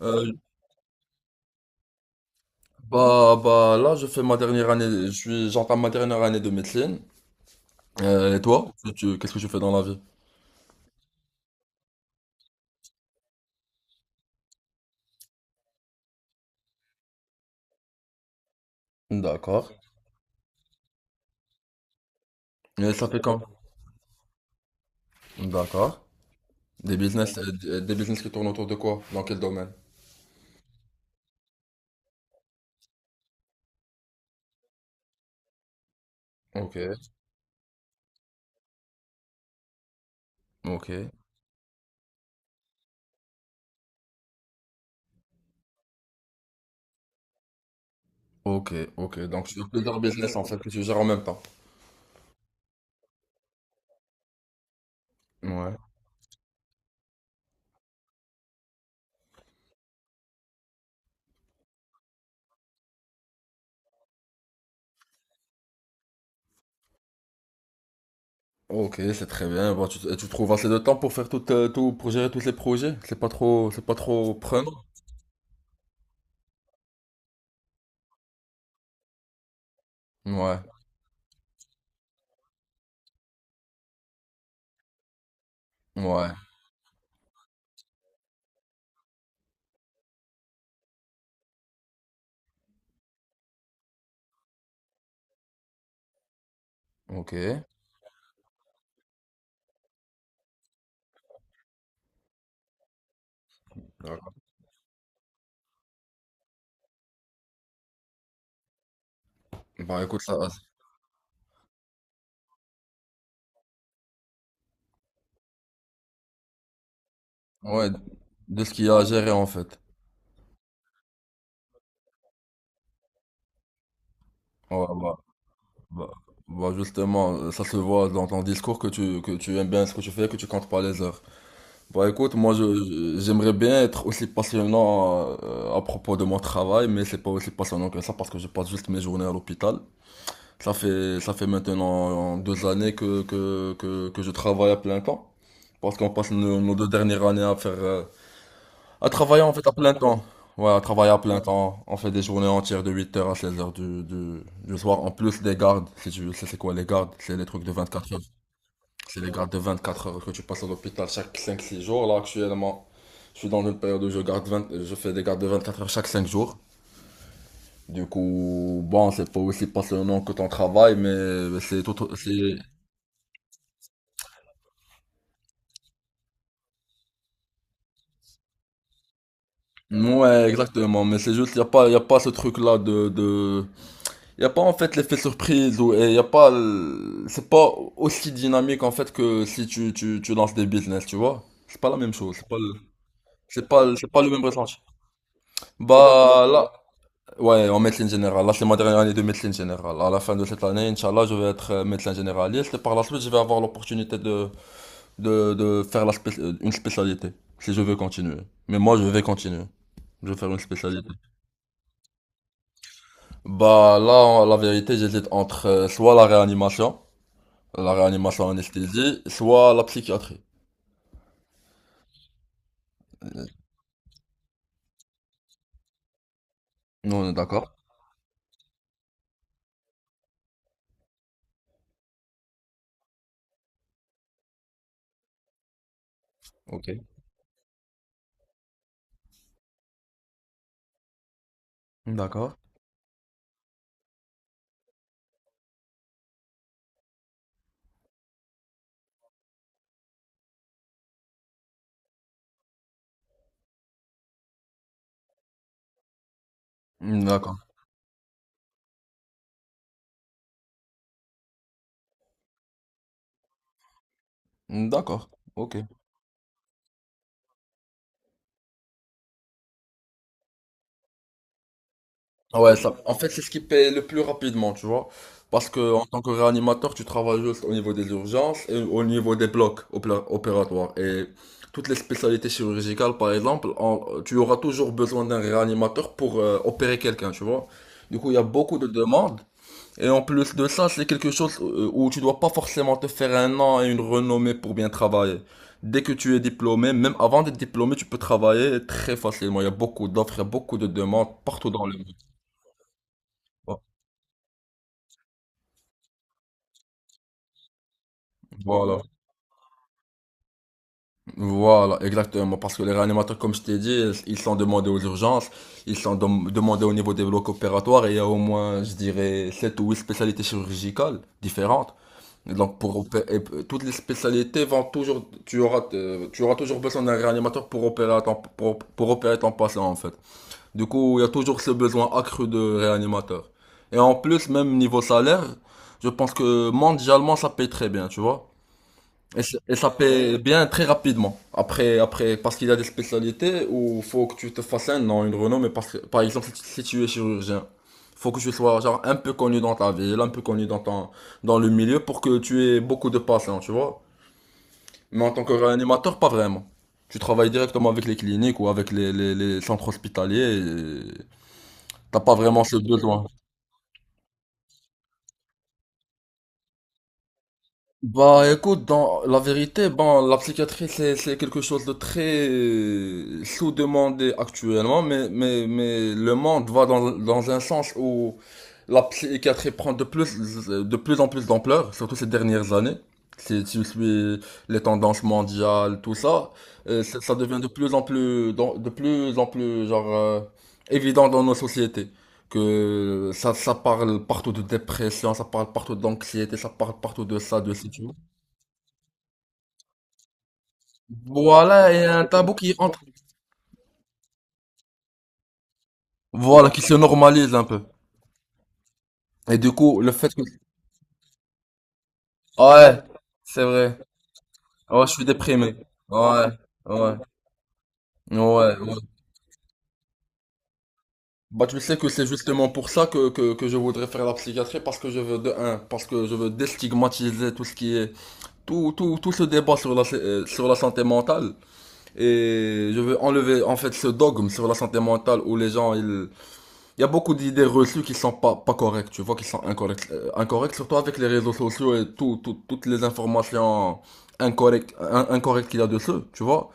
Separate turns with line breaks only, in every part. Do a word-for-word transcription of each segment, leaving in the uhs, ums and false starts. Euh, bah, bah, là, je fais ma dernière année, je suis, j'entame ma dernière année de médecine. Euh, et toi, tu, tu- qu'est-ce que tu fais dans la vie? D'accord. Et ça fait quand? D'accord. Des business, euh, des business qui tournent autour de quoi? Dans quel domaine? Ok, ok, ok, ok. Donc, tu as plusieurs business en fait que tu gères en même temps. Ouais. Ok, c'est très bien. Bah, tu, et tu trouves assez de temps pour faire tout, euh, tout, pour gérer tous les projets? C'est pas trop, c'est pas trop prenant? Ouais, ouais, ok. D'accord. Bah écoute, ça. Ouais, de ce qu'il y a à gérer en fait. Ouais, bah, bah, bah, justement, euh, ça se voit dans ton discours que tu, que tu aimes bien ce que tu fais, que tu comptes pas les heures. Bah écoute, moi je, je- j'aimerais bien être aussi passionnant euh, à propos de mon travail, mais c'est pas aussi passionnant que ça parce que je passe juste mes journées à l'hôpital. Ça fait, ça fait maintenant euh, deux années que, que, que, que je travaille à plein temps. Parce qu'on passe nos, nos deux dernières années à faire, euh, à travailler en fait à plein temps. Ouais, à travailler à plein temps. On fait des journées entières de huit heures à seize heures du, du, du soir. En plus des gardes, si tu sais c'est quoi les gardes, c'est les trucs de vingt-quatre heures. C'est les gardes de vingt-quatre heures que tu passes à l'hôpital chaque cinq six jours. Là actuellement, je suis dans une période où je garde vingt je fais des gardes de vingt-quatre heures chaque cinq jours. Du coup, bon, c'est pas aussi passionnant que ton travail, mais c'est tout, c'est, ouais, exactement, mais c'est juste, y a pas, y a pas ce truc-là de, de, il n'y a pas en fait l'effet surprise ou et y a pas le- c'est pas aussi dynamique en fait que si tu, tu, tu lances des business, tu vois. C'est pas la même chose, c'est pas le, c'est pas le- c'est pas le même ressenti. Bah là, ouais, en médecine générale, là c'est ma dernière année de médecine générale. À la fin de cette année, Inch'Allah, je vais être euh, médecin généraliste et par la suite, je vais avoir l'opportunité de, de, de faire la spé- euh, une spécialité si je veux continuer. Mais moi, je vais continuer. Je vais faire une spécialité. Bah là, en- la vérité, j'hésite entre euh, soit la réanimation La réanimation anesthésie, soit la psychiatrie. Euh, Nous, on est d'accord. Ok. D'accord. D'accord. D'accord. Ok. Ouais, ça, en fait, c'est ce qui paye le plus rapidement, tu vois. Parce que en tant que réanimateur, tu travailles juste au niveau des urgences et au niveau des blocs opé- opératoires. Et toutes les spécialités chirurgicales, par exemple, en- tu auras toujours besoin d'un réanimateur pour euh, opérer quelqu'un, tu vois. Du coup, il y a beaucoup de demandes. Et en plus de ça, c'est quelque chose euh, où tu dois pas forcément te faire un an et une renommée pour bien travailler. Dès que tu es diplômé, même avant d'être diplômé, tu peux travailler très facilement. Il y a beaucoup d'offres, il y a beaucoup de demandes partout dans le monde. Voilà, voilà, exactement. Parce que les réanimateurs, comme je t'ai dit, ils sont demandés aux urgences, ils sont dem- demandés au niveau des blocs opératoires et il y a au moins, je dirais, sept ou huit spécialités chirurgicales différentes. Et donc pour opé- et p- toutes les spécialités vont toujours tu auras euh, tu auras toujours besoin d'un réanimateur pour opérer ton pour, pour opérer ton patient en fait. Du coup, il y a toujours ce besoin accru de réanimateur. Et en plus, même niveau salaire, je pense que mondialement ça paye très bien, tu vois. Et, c- et ça paie bien très rapidement. Après, après, parce qu'il y a des spécialités où faut que tu te fasses un nom, une renommée. Parce que, par exemple, si, tu- si tu es chirurgien, faut que tu sois genre un peu connu dans ta ville, un peu connu dans ton, dans le milieu pour que tu aies beaucoup de patients, tu vois. Mais en tant que réanimateur, pas vraiment. Tu travailles directement avec les cliniques ou avec les, les, les centres hospitaliers et t'as pas vraiment ce besoin. Bah écoute, dans la vérité, bon, la psychiatrie c'est c'est quelque chose de très euh, sous-demandé actuellement, mais mais mais le monde va dans dans un sens où la psychiatrie prend de plus de plus en plus d'ampleur, surtout ces dernières années. Si tu suis les tendances mondiales, tout ça, euh, ça ça devient de plus en plus dans- de plus en plus genre euh, évident dans nos sociétés que ça, ça parle partout de dépression, ça parle partout d'anxiété, ça parle partout de ça, de ci, tu vois. Voilà, et un tabou qui entre, voilà, qui se normalise un peu. Et du coup, le fait que... Ouais, c'est vrai. Ouais, je suis déprimé. Ouais, ouais, ouais, ouais. Bah, tu sais que c'est justement pour ça que, que, que je voudrais faire la psychiatrie, parce que je veux, de un, parce que je veux déstigmatiser tout ce qui est, tout, tout, tout ce débat sur la, euh, sur la santé mentale. Et je veux enlever en fait ce dogme sur la santé mentale où les gens, ils... Il y a beaucoup d'idées reçues qui sont pas, pas correctes, tu vois, qui sont incorrectes, euh, incorrectes, surtout avec les réseaux sociaux et tout, tout- toutes les informations incorrectes, in- incorrectes qu'il y a dessus, tu vois.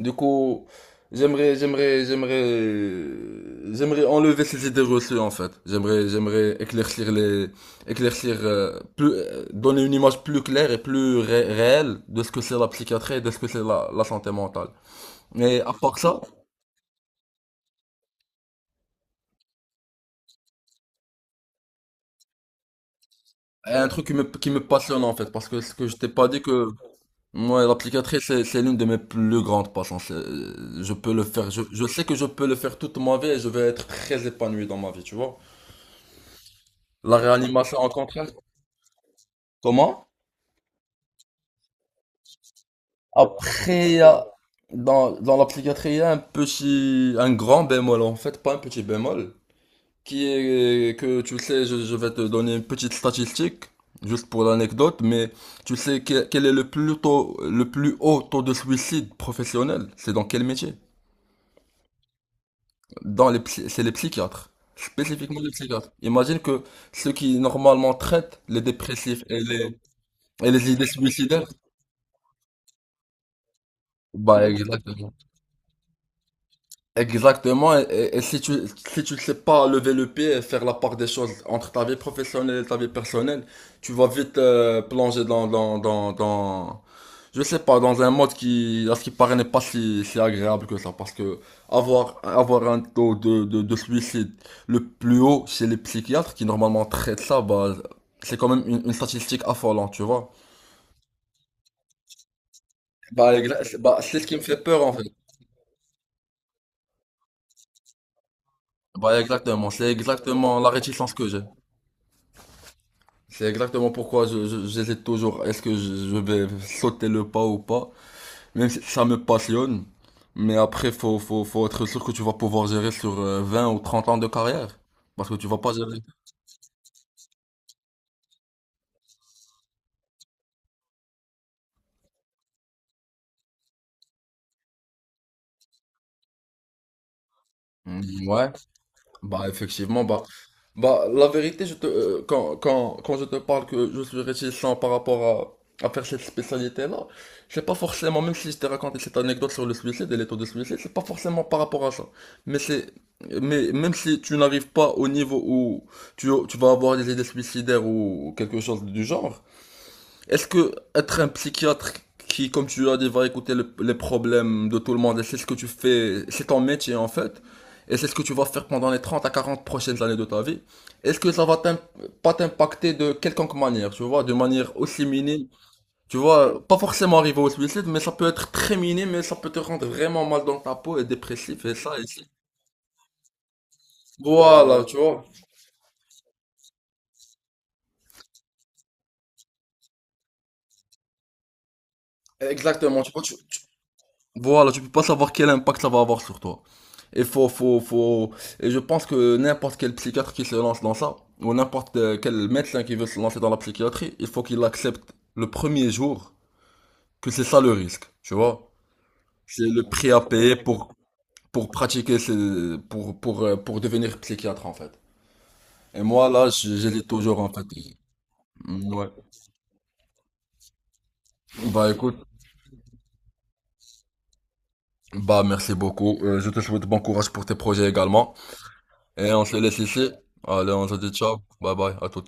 Du coup, j'aimerais, j'aimerais, j'aimerais, j'aimerais enlever ces idées reçues en fait. J'aimerais, j'aimerais éclaircir les, éclaircir euh, plus, euh, donner une image plus claire et plus ré- réelle de ce que c'est la psychiatrie et de ce que c'est la la santé mentale. Mais à part ça, il y a un truc qui me, qui me passionne en fait, parce que ce que je t'ai pas dit que moi, l'applicatrice, c'est, c'est l'une de mes plus grandes passions. C'est- euh, Je peux le faire, je, je sais que je peux le faire toute ma vie et je vais être très épanoui dans ma vie, tu vois. La réanimation, en contraire, comment? Après, il y a- dans, dans l'applicatrice, il y a un petit, un grand bémol en fait, pas un petit bémol, qui est que tu sais, je, je vais te donner une petite statistique, juste pour l'anecdote, mais tu sais que- quel est le plus tôt, le plus haut taux de suicide professionnel? C'est dans quel métier? Dans les, psy- c'est les psychiatres, spécifiquement les psychiatres. Imagine que ceux qui normalement traitent les dépressifs et les, et les idées suicidaires, bah exactement. Exactement, et, et- et si tu si tu ne sais pas lever le pied et faire la part des choses entre ta vie professionnelle et ta vie personnelle, tu vas vite euh, plonger dans dans dans dans je sais pas dans un mode qui à ce qui paraît n'est pas si si agréable que ça parce que avoir avoir un taux de de, de suicide le plus haut chez les psychiatres qui normalement traitent ça, bah c'est quand même une, une statistique affolante, tu vois. Bah, exa- bah c'est ce qui me fait peur en fait. Bah exactement, c'est exactement la réticence que j'ai. C'est exactement pourquoi je, je- j'hésite toujours. Est-ce que je, je vais sauter le pas ou pas? Même si ça me passionne. Mais après, faut, faut, faut être sûr que tu vas pouvoir gérer sur euh, vingt ou trente ans de carrière. Parce que tu vas pas gérer. Mm, ouais. Bah effectivement, bah, bah la vérité, je te, euh, quand, quand, quand je te parle que je suis réticent par rapport à, à faire cette spécialité-là, c'est pas forcément, même si je t'ai raconté cette anecdote sur le suicide et les taux de suicide, c'est pas forcément par rapport à ça. Mais c'est, mais même si tu n'arrives pas au niveau où tu, tu vas avoir des idées suicidaires ou quelque chose du genre, est-ce que être un psychiatre qui, comme tu as dit, va écouter le- les problèmes de tout le monde, et c'est ce que tu fais, c'est ton métier en fait, et c'est ce que tu vas faire pendant les trente à quarante prochaines années de ta vie, est-ce que ça va t'im- pas t'impacter de quelconque manière, tu vois, de manière aussi minime, tu vois, pas forcément arriver au suicide, mais ça peut être très minime, mais ça peut te rendre vraiment mal dans ta peau et dépressif, et ça, et ça. Voilà, tu vois, exactement, tu vois, tu, voilà, tu peux pas savoir quel impact ça va avoir sur toi. Et faut, faut, faut. Et je pense que n'importe quel psychiatre qui se lance dans ça, ou n'importe euh, quel médecin qui veut se lancer dans la psychiatrie, il faut qu'il accepte le premier jour que c'est ça le risque, tu vois. C'est le prix à payer pour, pour pratiquer, ce- pour, pour, euh, pour devenir psychiatre, en fait. Et moi, là, j- j'hésite toujours, en fait. Mm, ouais. Bah, écoute, bah, merci beaucoup. Euh, je te souhaite bon courage pour tes projets également. Et on se laisse ici. Allez, on se dit ciao. Bye bye, à tout.